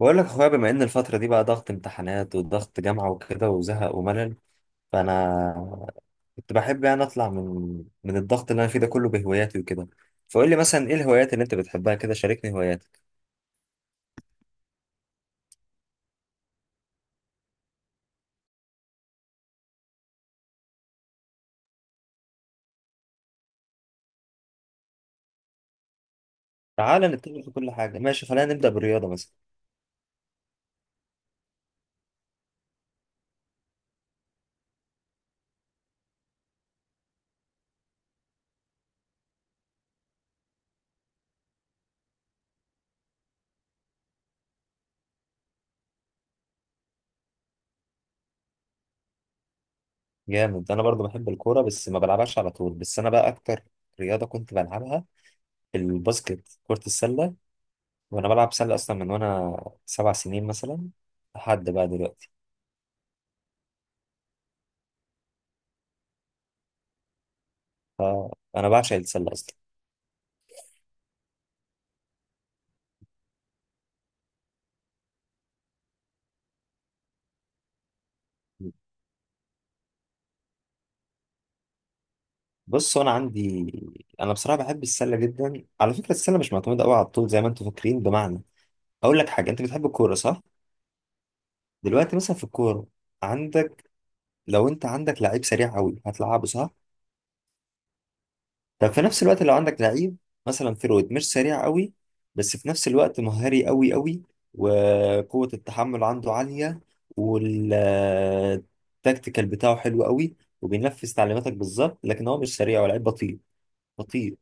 بقول لك يا اخويا، بما ان الفترة دي بقى ضغط امتحانات وضغط جامعة وكده وزهق وملل، فانا كنت بحب يعني اطلع من الضغط اللي انا فيه ده كله بهواياتي وكده. فقول لي مثلا ايه الهوايات اللي انت بتحبها كده، شاركني هواياتك. تعالى نتكلم في كل حاجة، ماشي، خلينا نبدأ بالرياضة مثلا. جامد، انا برضو بحب الكورة بس ما بلعبهاش على طول، بس انا بقى اكتر رياضة كنت بلعبها الباسكت، كرة السلة. وانا بلعب سلة اصلا من وانا 7 سنين مثلا لحد بقى دلوقتي. فانا بعشق السلة اصلا. بص انا عندي، انا بصراحه بحب السله جدا. على فكره السله مش معتمده قوي على الطول زي ما انتوا فاكرين. بمعنى اقول لك حاجه، انت بتحب الكوره صح؟ دلوقتي مثلا في الكوره عندك، لو انت عندك لعيب سريع قوي هتلعبه صح؟ طب في نفس الوقت لو عندك لعيب مثلا فيرويد مش سريع قوي، بس في نفس الوقت مهاري قوي قوي، وقوه التحمل عنده عاليه، والتكتيكال بتاعه حلو قوي، وبينفذ تعليماتك بالظبط، لكن هو مش سريع ولاعيب بطيء، بطيء،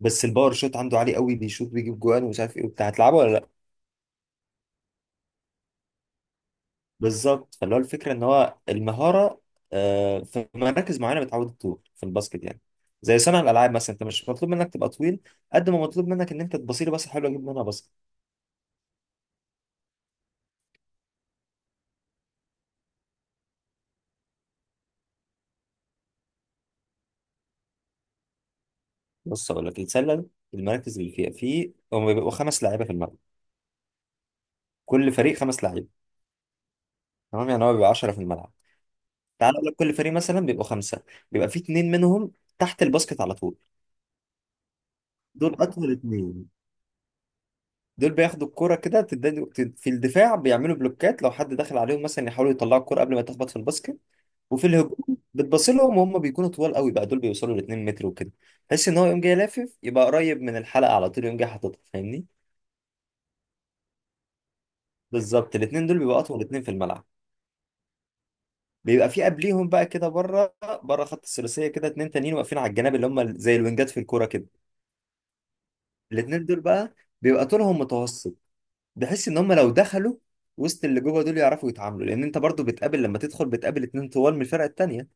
بس الباور شوت عنده عالي قوي، بيشوط بيجيب جوان ومش عارف ايه وبتاع، هتلعبه ولا لا؟ بالظبط. فاللي هو الفكره ان هو المهاره. في مراكز معينه بتعود الطول في الباسكت يعني. زي صانع الالعاب مثلا، انت مش مطلوب منك تبقى طويل قد ما مطلوب منك ان انت تبصيلي. بس حلوه اجيب منها باسكت. بص اقول لك السله، المراكز اللي فيها في، هم بيبقوا 5 لعيبه في الملعب. كل فريق 5 لعيبه، تمام؟ يعني هو بيبقى 10 في الملعب. تعال اقول لك، كل فريق مثلا بيبقوا خمسه، بيبقى في اتنين منهم تحت الباسكت على طول. دول اطول اتنين. دول بياخدوا الكرة كده في الدفاع بيعملوا بلوكات، لو حد دخل عليهم مثلا يحاولوا يطلعوا الكرة قبل ما تخبط في الباسكت. وفي الهجوم بتبص لهم وهم بيكونوا طوال قوي بقى، دول بيوصلوا ل مترين متر وكده، تحس ان هو يوم جاي لافف يبقى قريب من الحلقة على طول، يوم جاي حاططها، فاهمني. بالظبط الاثنين دول بيبقوا اطول اثنين في الملعب. بيبقى في قبليهم بقى كده بره، بره خط الثلاثيه كده، اتنين تانيين واقفين على الجناب اللي هم زي الوينجات في الكوره كده. الاثنين دول بقى بيبقى طولهم متوسط. بحس ان هم لو دخلوا وسط اللي جوه دول يعرفوا يتعاملوا، لان انت برضو بتقابل لما تدخل بتقابل اتنين طوال من الفرقه التانيه،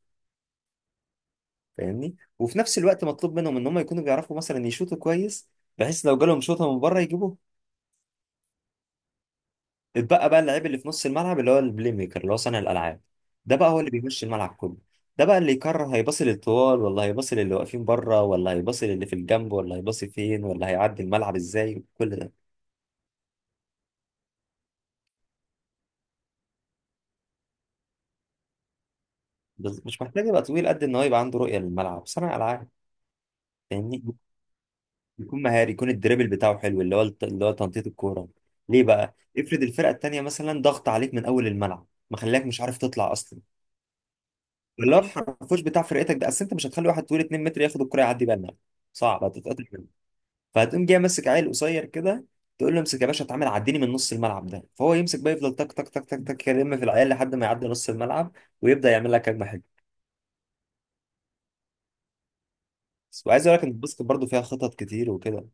فاهمني. وفي نفس الوقت مطلوب منهم ان هم يكونوا بيعرفوا مثلا يشوطوا كويس، بحيث لو جالهم شوطه من بره يجيبوه. اتبقى بقى اللاعب اللي في نص الملعب اللي هو البلاي ميكر، اللي هو صانع الالعاب. ده بقى هو اللي بيمشي الملعب كله. ده بقى اللي يقرر هيباصي للطوال ولا هيباصي للي واقفين بره ولا هيباصي للي في الجنب ولا هيباصي فين ولا هيعدي الملعب ازاي، كل ده. بس مش محتاج يبقى طويل قد ان هو يبقى عنده رؤيه للملعب، صانع العاب فاهمني. يكون مهاري، يكون الدريبل بتاعه حلو، اللي هو اللي هو تنطيط الكوره. ليه بقى؟ افرض الفرقه التانيه مثلا ضغط عليك من اول الملعب، مخليك مش عارف تطلع اصلا. اللي هو الحرفوش بتاع فرقتك ده، اصل انت مش هتخلي واحد طويل مترين متر ياخد الكره يعدي بيها الملعب، صعب، هتتقطع منه. فهتقوم جاي ماسك عيل قصير كده، تقول له امسك يا باشا، اتعامل عديني من نص الملعب ده. فهو يمسك بقى، يفضل تك تك تك تك تك، يلم في العيال لحد ما يعدي نص الملعب، ويبدأ يعمل لك هجمه حلوه. وعايز اقول لك ان الباسكت برضه فيها خطط كتير وكده،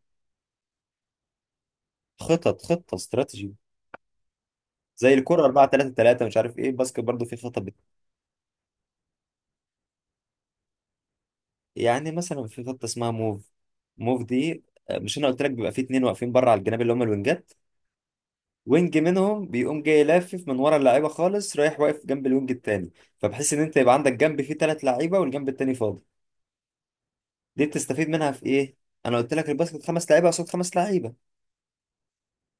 خطط، خطه استراتيجي، زي الكرة 4 3 3 مش عارف ايه، الباسكت برضو في خطة يعني مثلا في خطة اسمها موف. موف دي، مش انا قلت لك بيبقى في اتنين واقفين بره على الجناب اللي هم الوينجات؟ وينج منهم بيقوم جاي لافف من ورا اللعيبة خالص، رايح واقف جنب الوينج التاني، فبحيث ان انت يبقى عندك جنب فيه 3 لعيبة والجنب التاني فاضي. دي بتستفيد منها في ايه؟ انا قلت لك الباسكت 5 لعيبة قصاد 5 لعيبة.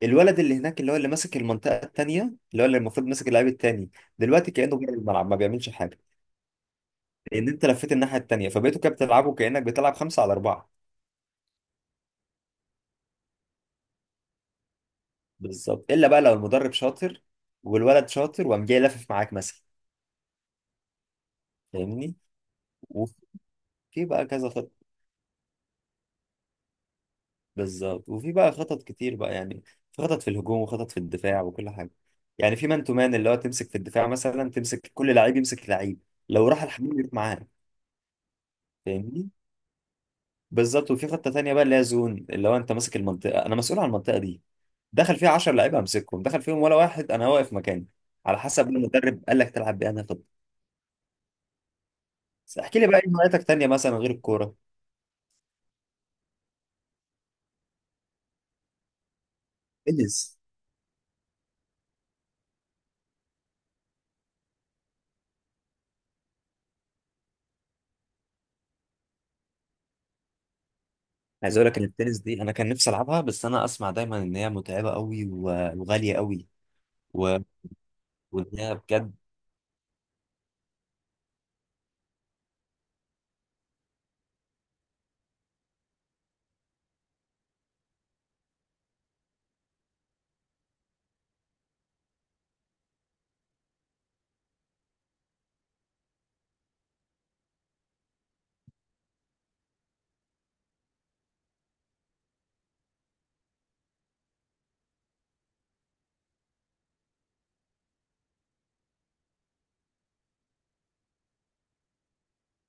الولد اللي هناك اللي هو اللي ماسك المنطقة التانية، اللي هو اللي المفروض ماسك اللعيب التاني، دلوقتي كأنه جاي الملعب ما بيعملش حاجة. ان انت لفيت الناحيه التانيه فبقيتوا كده بتلعبوا كانك بتلعب 5 على 4. بالظبط، الا بقى لو المدرب شاطر والولد شاطر وقام جاي لافف معاك مثلا، فاهمني. وفي بقى كذا خطط. بالظبط، وفي بقى خطط كتير بقى يعني. في خطط في الهجوم وخطط في الدفاع وكل حاجه. يعني في مان تو مان اللي هو تمسك في الدفاع، مثلا تمسك كل لعيب يمسك لعيب، لو راح الحمام يروح معاه، فاهمني. بالظبط. وفي خطه تانيه بقى اللي هي زون، اللي هو انت ماسك المنطقه، انا مسؤول عن المنطقه دي، دخل فيها 10 لعيبه همسكهم، دخل فيهم ولا واحد انا واقف مكاني. على حسب المدرب قال لك تلعب بايه انا هاخد. بس احكي لي بقى ايه هواياتك تانيه مثلا غير الكوره؟ تنس؟ عايز اقول لك ان التنس دي انا كان نفسي العبها، بس انا اسمع دايما ان هي متعبه قوي، وغاليه قوي، و- وان هي بجد.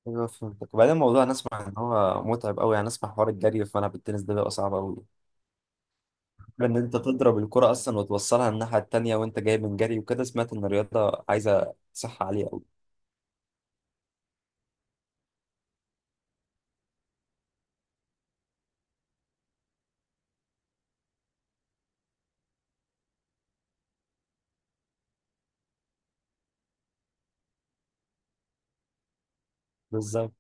ايوه فهمتك. وبعدين الموضوع انا اسمع ان هو متعب قوي يعني، اسمع حوار الجري، فانا بالتنس ده بيبقى صعب قوي ان انت تضرب الكرة اصلا وتوصلها الناحية التانية وانت جاي من جري وكده. سمعت ان الرياضة عايزة صحة عالية قوي. بالظبط.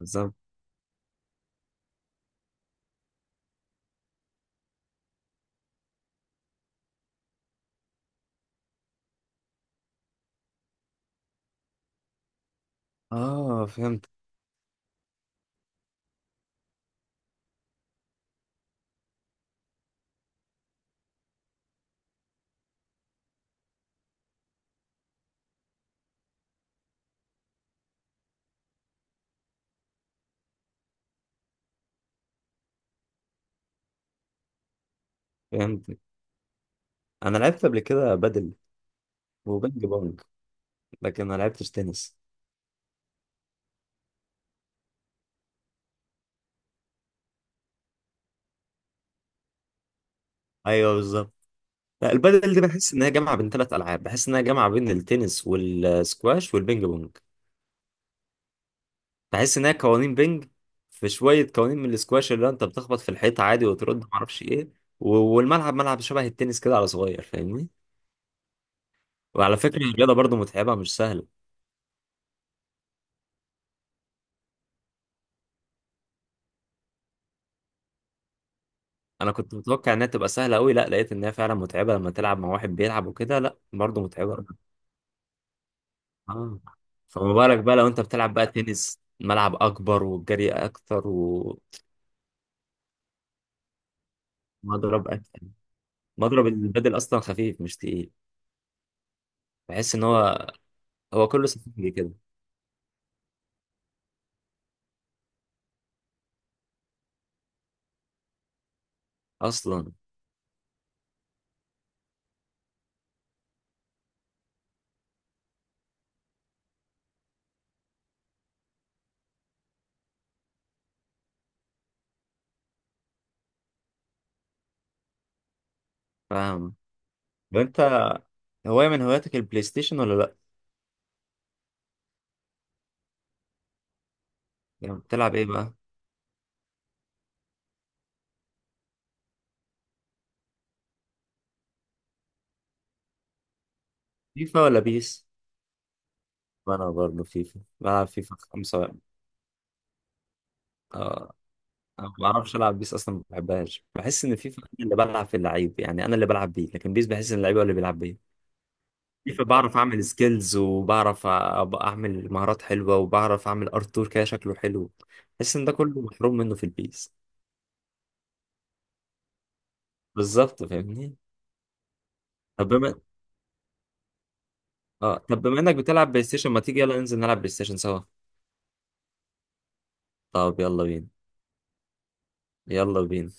بالظبط. اه فهمت. فهمت. انا لعبت قبل كده بدل وبينج بونج، لكن ما لعبتش تنس. ايوه بالظبط. لا البدل دي بحس ان هي جامعه بين 3 العاب، بحس ان هي جامعه بين التنس والسكواش والبينج بونج. بحس ان هي قوانين بينج، في شويه قوانين من السكواش اللي انت بتخبط في الحيطه عادي وترد ما اعرفش ايه، والملعب ملعب شبه التنس كده على صغير، فاهمني. وعلى فكرة الرياضة برضو متعبة، مش سهلة. أنا كنت متوقع إنها تبقى سهلة أوي، لا لقيت إنها فعلا متعبة، لما تلعب مع واحد بيلعب وكده لا برضو متعبة. آه، فمبارك بقى لو أنت بتلعب بقى تنس، ملعب أكبر والجري أكتر ومضرب أتقل. مضرب البدل أصلا خفيف مش تقيل، بحس إن هو، هو كله سفنج كده أصلا، فاهم. وأنت هواية من هواياتك البلاي ستيشن ولا لأ؟ يعني بتلعب إيه بقى؟ فيفا ولا بيس؟ أنا برضو فيفا، بلعب فيفا 5. أنا ما بعرفش العب بيس اصلا، ما بحبهاش، بحس ان فيفا أنا اللي بلعب في اللعيب، يعني انا اللي بلعب بيه، لكن بيس بحس ان اللعيب هو اللي بيلعب بيه. فيفا بعرف اعمل سكيلز وبعرف أبقى اعمل مهارات حلوه، وبعرف اعمل ارتور كده شكله حلو. بحس ان ده كله محروم منه في البيس. بالظبط، فاهمني. طب بما، اه طب بما انك بتلعب بلاي ستيشن ما تيجي يلا ننزل نلعب بلاي ستيشن سوا؟ طب يلا بينا. يلا بينا.